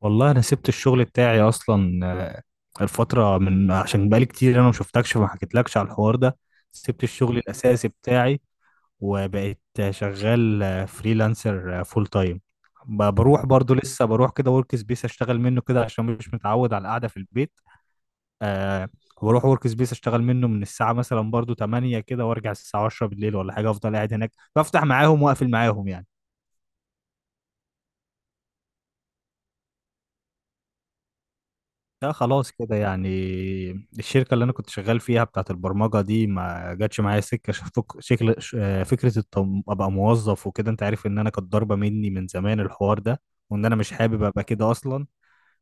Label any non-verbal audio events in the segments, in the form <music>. والله انا سبت الشغل بتاعي اصلا. الفتره من عشان بقالي كتير انا ما شفتكش فما حكيتلكش على الحوار ده. سبت الشغل الاساسي بتاعي وبقيت شغال فريلانسر فول تايم. بروح برضو لسه بروح كده ورك سبيس اشتغل منه كده عشان مش متعود على القعده في البيت. أه بروح ورك سبيس اشتغل منه من الساعه مثلا برضو 8 كده وارجع الساعه 10 بالليل ولا حاجه افضل قاعد هناك بفتح معاهم واقفل معاهم يعني. لا خلاص كده يعني. الشركة اللي أنا كنت شغال فيها بتاعت البرمجة دي ما جاتش معايا سكة شكل فكرة أبقى موظف وكده أنت عارف إن أنا كانت ضاربة مني من زمان الحوار ده وإن أنا مش حابب أبقى كده أصلا.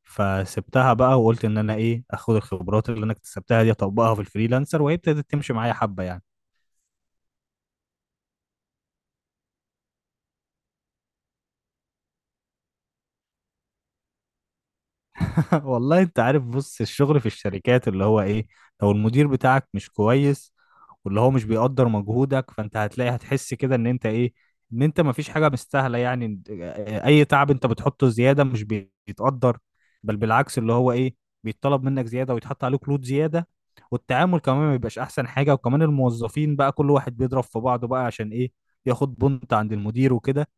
فسبتها بقى وقلت إن أنا إيه أخد الخبرات اللي أنا اكتسبتها دي أطبقها في الفريلانسر وهي ابتدت تمشي معايا حبة يعني. <laughs> والله انت عارف بص الشغل في الشركات اللي هو ايه لو المدير بتاعك مش كويس واللي هو مش بيقدر مجهودك فانت هتلاقي هتحس كده ان انت ايه ان انت مفيش حاجة مستاهلة يعني. اي تعب انت بتحطه زيادة مش بيتقدر بل بالعكس اللي هو ايه بيتطلب منك زيادة ويتحط عليك لود زيادة. والتعامل كمان ما بيبقاش احسن حاجة وكمان الموظفين بقى كل واحد بيضرب في بعضه بقى عشان ايه ياخد بنت عند المدير وكده.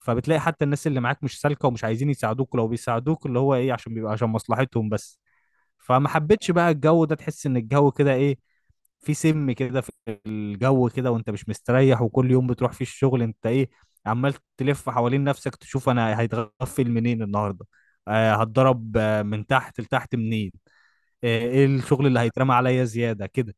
فبتلاقي حتى الناس اللي معاك مش سالكه ومش عايزين يساعدوك لو بيساعدوك اللي هو ايه عشان بيبقى عشان مصلحتهم بس. فما حبيتش بقى الجو ده تحس ان الجو كده ايه في سم كده في الجو كده وانت مش مستريح وكل يوم بتروح فيه الشغل انت ايه عمال تلف حوالين نفسك تشوف انا هيتغفل منين النهارده. هتضرب من تحت لتحت منين. ايه الشغل اللي هيترمى عليا زياده كده.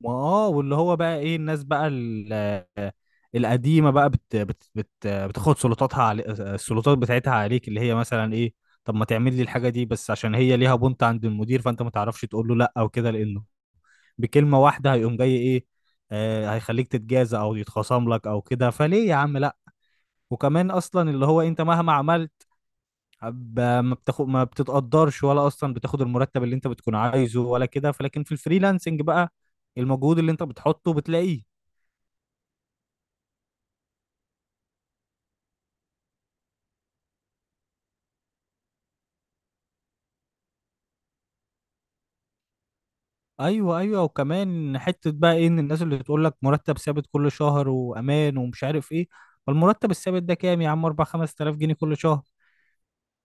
ما واللي هو بقى ايه الناس بقى القديمه بقى بت بت بت بتاخد سلطاتها علي... السلطات بتاعتها عليك اللي هي مثلا ايه طب ما تعمل لي الحاجه دي بس عشان هي ليها بنت عند المدير فانت ما تعرفش تقول له لا او كده لانه بكلمه واحده هيقوم جاي ايه هيخليك تتجازى او يتخاصم لك او كده فليه يا عم لا. وكمان اصلا اللي هو انت مهما عملت ما بتاخد ما بتتقدرش ولا اصلا بتاخد المرتب اللي انت بتكون عايزه ولا كده فلكن في الفريلانسنج بقى المجهود اللي انت بتحطه بتلاقيه. ايوه ايوه وكمان حته بقى ايه ان الناس اللي تقول لك مرتب ثابت كل شهر وامان ومش عارف ايه. فالمرتب الثابت ده كام يا عم 4 5000 جنيه كل شهر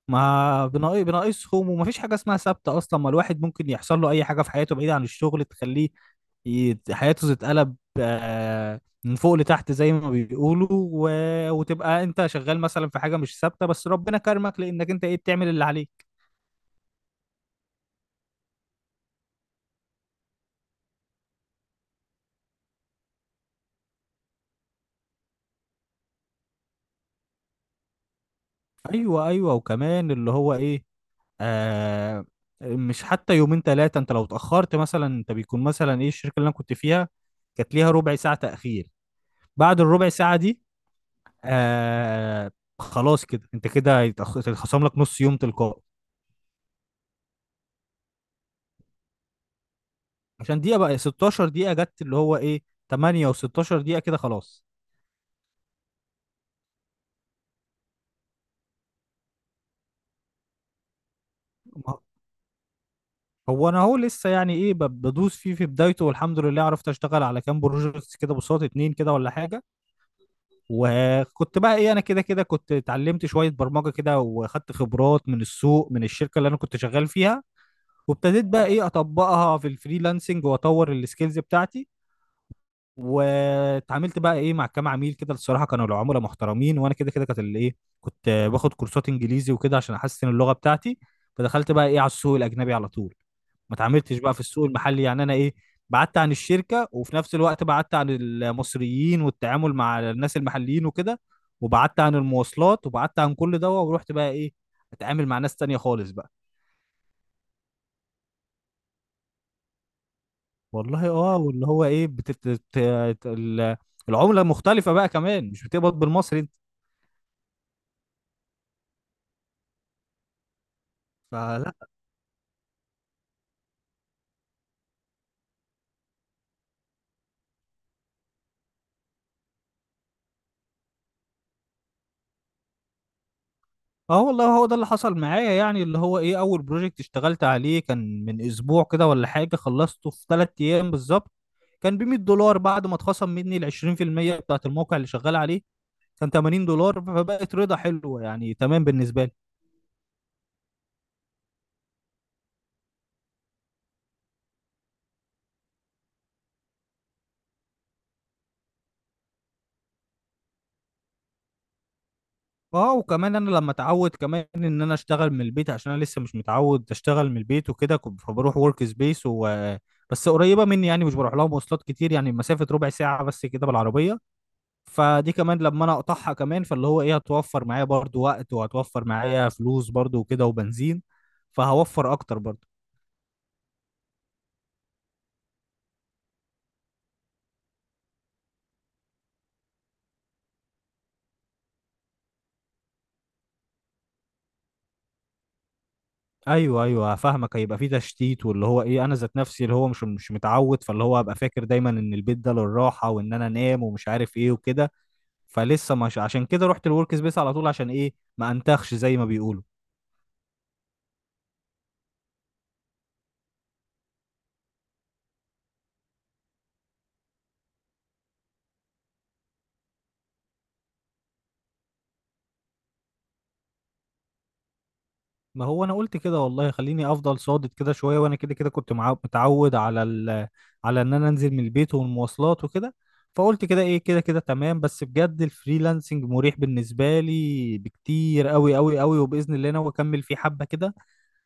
ما بناقصهم ومفيش حاجه اسمها ثابته اصلا ما الواحد ممكن يحصل له اي حاجه في حياته بعيده عن الشغل تخليه حياته تتقلب من فوق لتحت زي ما بيقولوا و... وتبقى انت شغال مثلا في حاجه مش ثابته بس ربنا كرمك لانك انت ايه بتعمل اللي عليك. ايوه ايوه وكمان اللي هو ايه آه مش حتى يومين ثلاثة انت لو اتأخرت مثلا انت بيكون مثلا ايه الشركة اللي انا كنت فيها كانت ليها ربع ساعة تأخير. بعد الربع ساعة دي آه خلاص كده انت كده هيتخصم لك نص يوم تلقائي. عشان دقيقة بقى 16 دقيقة جت اللي هو ايه 8 و16 دقيقة كده خلاص. ما- هو انا اهو لسه يعني ايه بدوس فيه في بدايته والحمد لله عرفت اشتغل على كام بروجكت كده بصوت اتنين كده ولا حاجة. وكنت بقى ايه انا كده كده كنت اتعلمت شويه برمجه كده واخدت خبرات من السوق من الشركه اللي انا كنت شغال فيها وابتديت بقى ايه اطبقها في الفريلانسنج واطور السكيلز بتاعتي. واتعاملت بقى ايه مع كام عميل كده الصراحه كانوا العملاء محترمين وانا كده كده كانت اللي ايه كنت باخد كورسات انجليزي وكده عشان احسن اللغه بتاعتي. فدخلت بقى ايه على السوق الاجنبي على طول. ما اتعاملتش بقى في السوق المحلي يعني انا ايه بعدت عن الشركه وفي نفس الوقت بعدت عن المصريين والتعامل مع الناس المحليين وكده. وبعدت عن المواصلات وبعدت عن كل ده ورحت بقى ايه اتعامل مع ناس تانية خالص بقى. والله اه واللي هو ايه العمله مختلفه بقى كمان مش بتقبض بالمصري انت فلا. اه والله هو ده اللي حصل معايا يعني اللي هو ايه اول بروجكت اشتغلت عليه كان من اسبوع كده ولا حاجه خلصته في 3 ايام بالظبط. كان ب 100 دولار بعد ما اتخصم مني ال 20% بتاعت الموقع اللي شغال عليه كان 80 دولار فبقت رضا حلوه يعني تمام بالنسبه لي. اه وكمان انا لما اتعود كمان ان انا اشتغل من البيت عشان انا لسه مش متعود اشتغل من البيت وكده فبروح ورك سبيس و بس قريبه مني يعني مش بروح لها مواصلات كتير يعني مسافه ربع ساعه بس كده بالعربيه. فدي كمان لما انا اقطعها كمان فاللي هو ايه هتوفر معايا برضو وقت وهتوفر معايا فلوس برضو وكده وبنزين فهوفر اكتر برضو. ايوه ايوه فاهمك هيبقى في تشتيت واللي هو ايه انا ذات نفسي اللي هو مش متعود فاللي هو هبقى فاكر دايما ان البيت ده للراحه وان انا انام ومش عارف ايه وكده. فلسه مش عشان كده رحت الورك سبيس على طول عشان ايه ما انتخش زي ما بيقولوا. ما هو انا قلت كده والله خليني افضل صادق كده شويه وانا كده كده كنت متعود على ال... على ان انا انزل من البيت والمواصلات وكده. فقلت كده ايه كده كده تمام بس بجد الفريلانسنج مريح بالنسبه لي بكتير قوي قوي قوي وباذن الله انا اكمل فيه حبه كده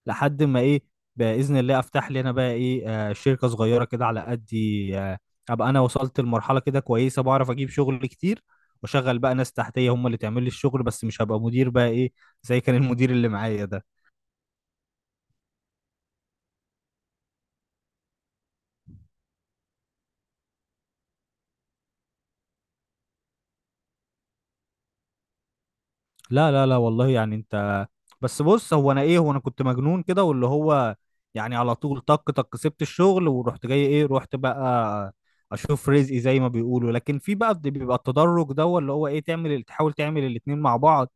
لحد ما ايه باذن الله افتح لي انا بقى ايه آه شركه صغيره كده على قدي آه ابقى انا وصلت لمرحله كده كويسه بعرف اجيب شغل كتير واشغل بقى ناس تحتيه هم اللي تعمل لي الشغل بس مش هبقى مدير بقى ايه زي كان المدير اللي معايا ده. لا لا لا والله يعني انت بس بص هو انا ايه هو انا كنت مجنون كده واللي هو يعني على طول طق طق سبت الشغل ورحت جاي ايه رحت بقى اشوف رزقي زي ما بيقولوا لكن في بقى بيبقى التدرج ده اللي هو ايه تعمل تحاول تعمل الاتنين مع بعض.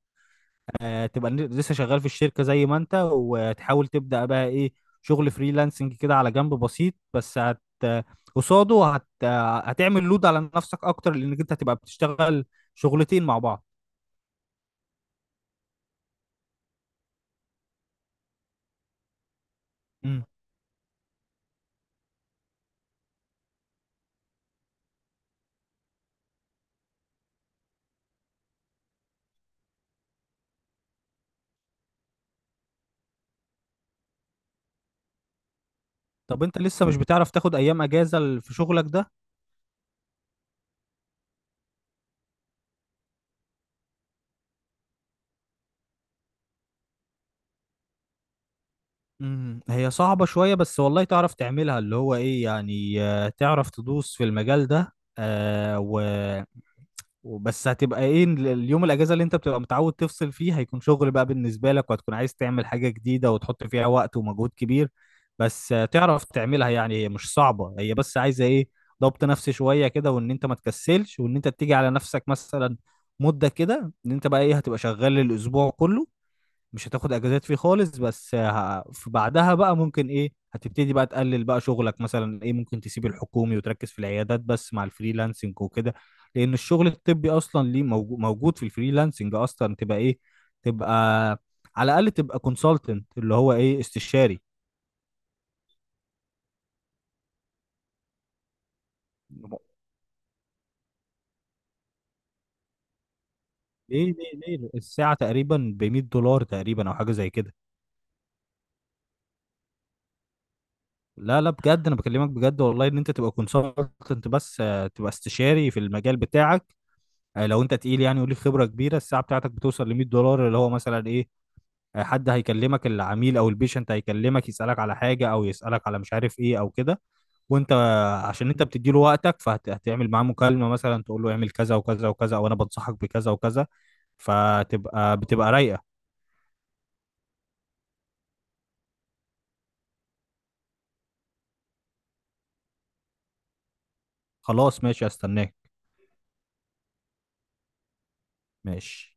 تبقى لسه شغال في الشركة زي ما انت وتحاول تبدأ بقى ايه شغل فريلانسنج كده على جنب بسيط بس قصاده هتعمل لود على نفسك اكتر لانك انت هتبقى بتشتغل شغلتين مع بعض. إمم. طب انت لسه مش بتعرف تاخد ايام اجازة في شغلك ده. هي صعبة شوية بس والله تعرف تعملها اللي هو ايه يعني تعرف تدوس في المجال ده آه و وبس هتبقى ايه اليوم الاجازة اللي انت بتبقى متعود تفصل فيه هيكون شغل بقى بالنسبة لك وهتكون عايز تعمل حاجة جديدة وتحط فيها وقت ومجهود كبير. بس تعرف تعملها يعني هي مش صعبة هي بس عايزة ايه ضبط نفسي شوية كده وان انت ما تكسلش وان انت تيجي على نفسك مثلا مدة كده ان انت بقى ايه هتبقى شغال الاسبوع كله مش هتاخد اجازات فيه خالص بس في بعدها بقى ممكن ايه هتبتدي بقى تقلل بقى شغلك مثلا ايه ممكن تسيب الحكومي وتركز في العيادات بس مع الفريلانسنج وكده. لان الشغل الطبي اصلا ليه موجود في الفريلانسنج اصلا تبقى ايه تبقى على الاقل تبقى كونسلتنت اللي هو ايه استشاري. ليه ليه ليه الساعة تقريبا ب 100 دولار تقريبا او حاجة زي كده. لا لا بجد انا بكلمك بجد والله ان انت تبقى كونسلتنت بس تبقى استشاري في المجال بتاعك. لو انت تقيل يعني وليك خبره كبيره الساعه بتاعتك بتوصل ل 100 دولار اللي هو مثلا ايه حد هيكلمك العميل او البيشنت هيكلمك يسالك على حاجه او يسالك على مش عارف ايه او كده. وانت عشان انت بتديله وقتك فهتعمل معاه مكالمه مثلا تقول له اعمل كذا وكذا وكذا او انا بنصحك بكذا وكذا فتبقى بتبقى رايقه. خلاص ماشي استناك ماشي.